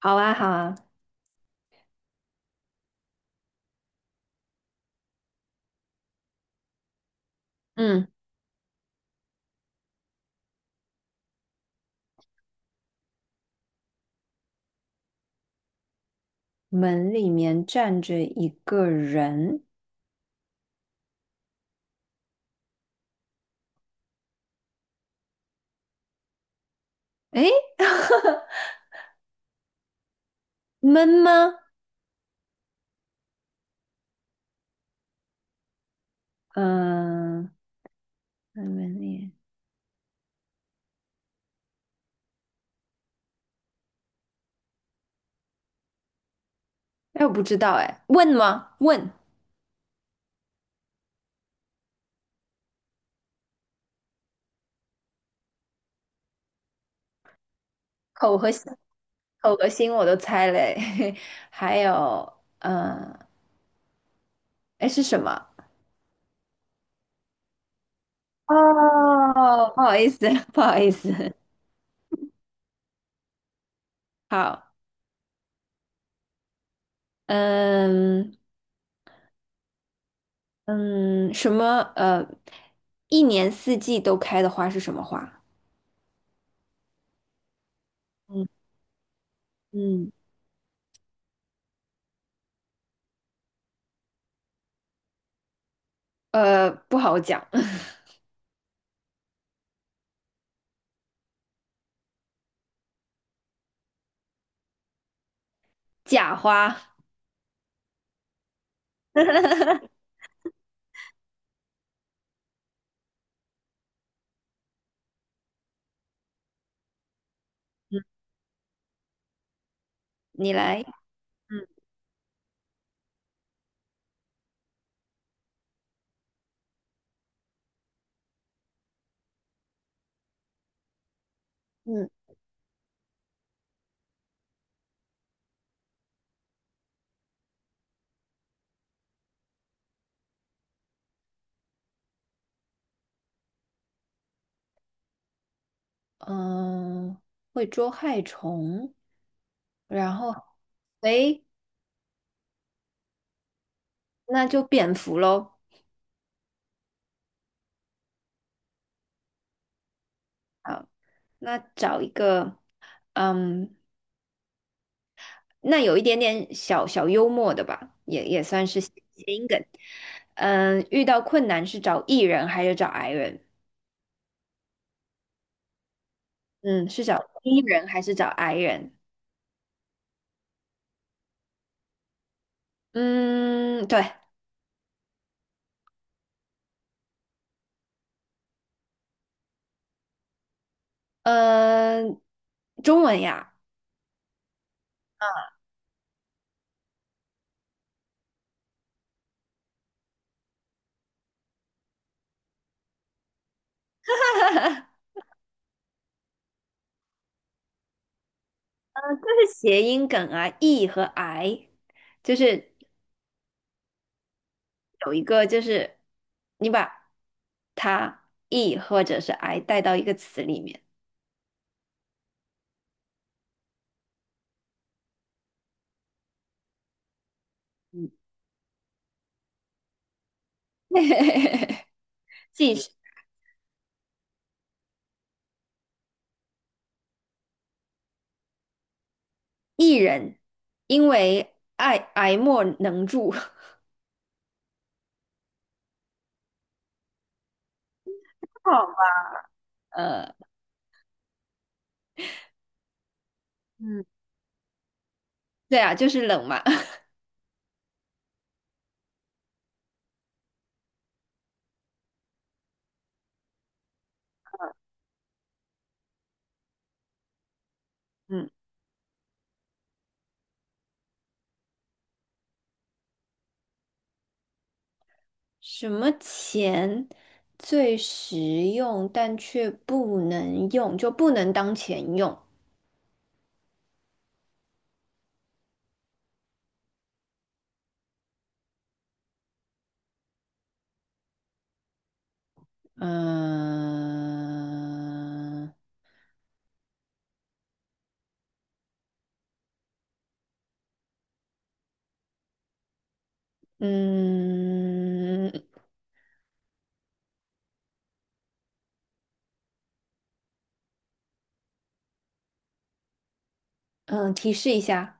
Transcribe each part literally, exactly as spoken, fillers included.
好啊，好啊。嗯，门里面站着一个人，诶，闷吗？嗯、门门里，哎，我不知道，哎，问吗？问，口和心，口和心我都猜嘞，还有，嗯、哎，是什么？哦，不好意思，不好意思，好，嗯嗯，什么？呃，一年四季都开的花是什么花？嗯嗯，呃，不好讲。假花，嗯你来。嗯，嗯嗯，呃会捉害虫，然后，诶，那就蝙蝠喽。好，那找一个，嗯，那有一点点小小幽默的吧，也也算是谐音梗。嗯，遇到困难是找 E 人还是找 I 人？嗯，是找 E 人还是找 I 人？嗯，对，嗯，中文呀。这是谐音梗啊，e 和 i，就是有一个就是你把它 e 或者是 i 带到一个词里面，即是艺人，因为爱爱莫能助。哦，呃，嗯对啊，就是冷嘛。嗯，什么钱最实用但却不能用，就不能当钱用？嗯、嗯嗯，提示一下，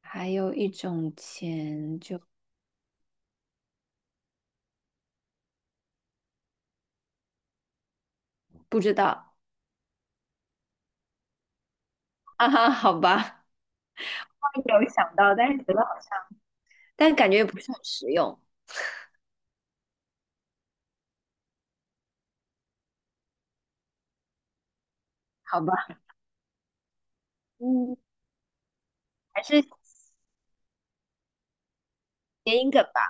还有一种钱就不知道啊哈，好吧，有想到，但是觉得好像，但感觉也不是很实用，好吧，嗯，还是谐音梗吧。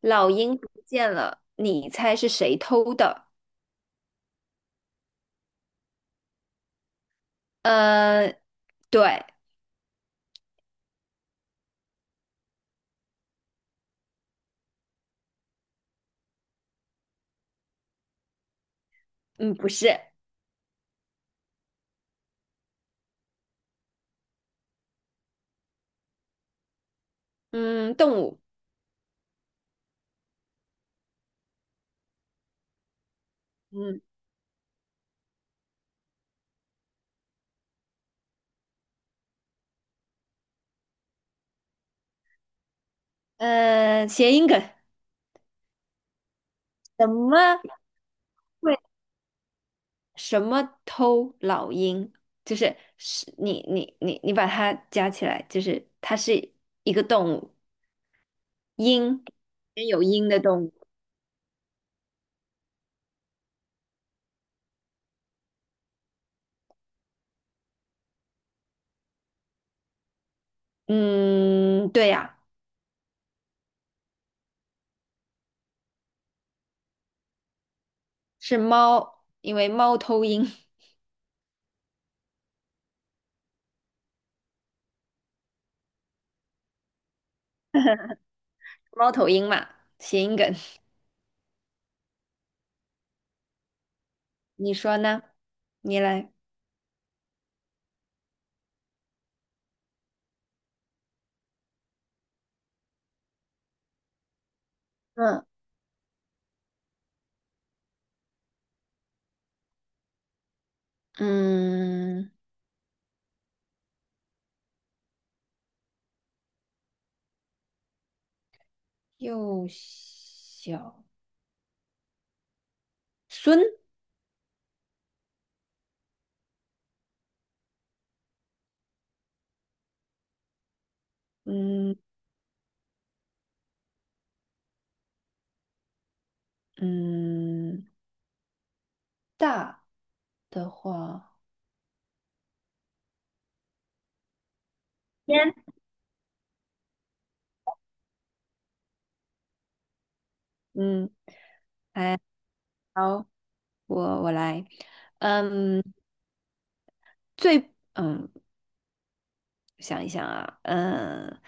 老鹰不见了，你猜是谁偷的？呃，对，嗯，不是，嗯，动物，嗯，呃，谐音梗，什么？会？什么偷老鹰，就是是你你你你把它加起来，就是它是一个动物，鹰，也有鹰的动物。嗯，对呀，是猫，因为猫头鹰，猫头鹰嘛，谐音梗。你说呢？你来。嗯嗯，幼小孙，嗯嗯，大的话，天，嗯，好。我我来，嗯，最嗯，想一想啊，嗯，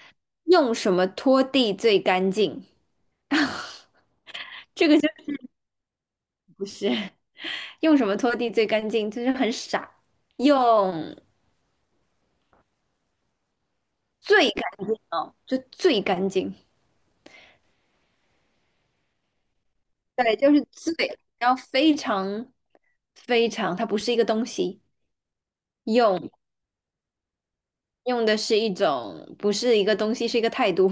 用什么拖地最干净？这个就不是 用什么拖地最干净，就是很傻。用最干净哦，就最干净，对，就是最，然后非常非常，它不是一个东西，用用的是一种，不是一个东西，是一个态度。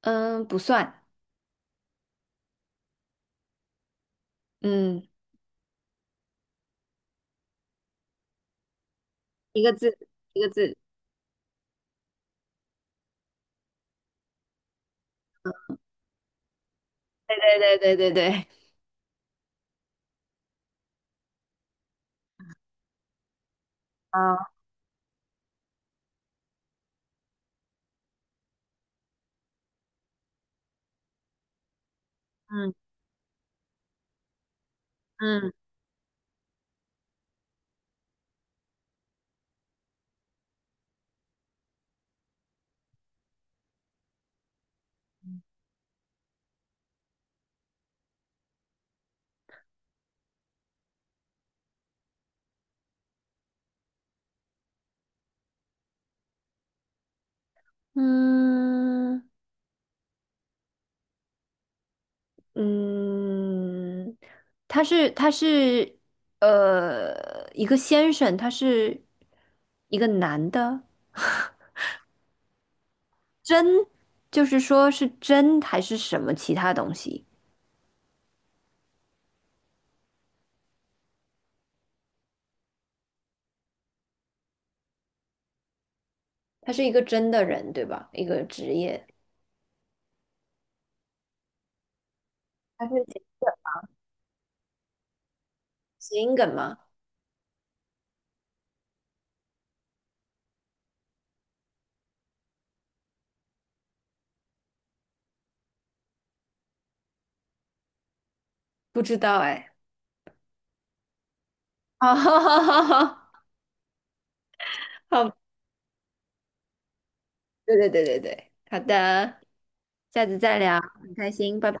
嗯，不算，嗯，一个字，一个字，对对对对对对。嗯嗯，嗯嗯，他是他是呃一个先生，他是一个男的，真就是说是真还是什么其他东西？他是一个真的人，对吧？一个职业，他是谐音梗吗？不知道哎。好，哈哈好，好，对对对对对，好的，下次再聊，很开心，拜拜。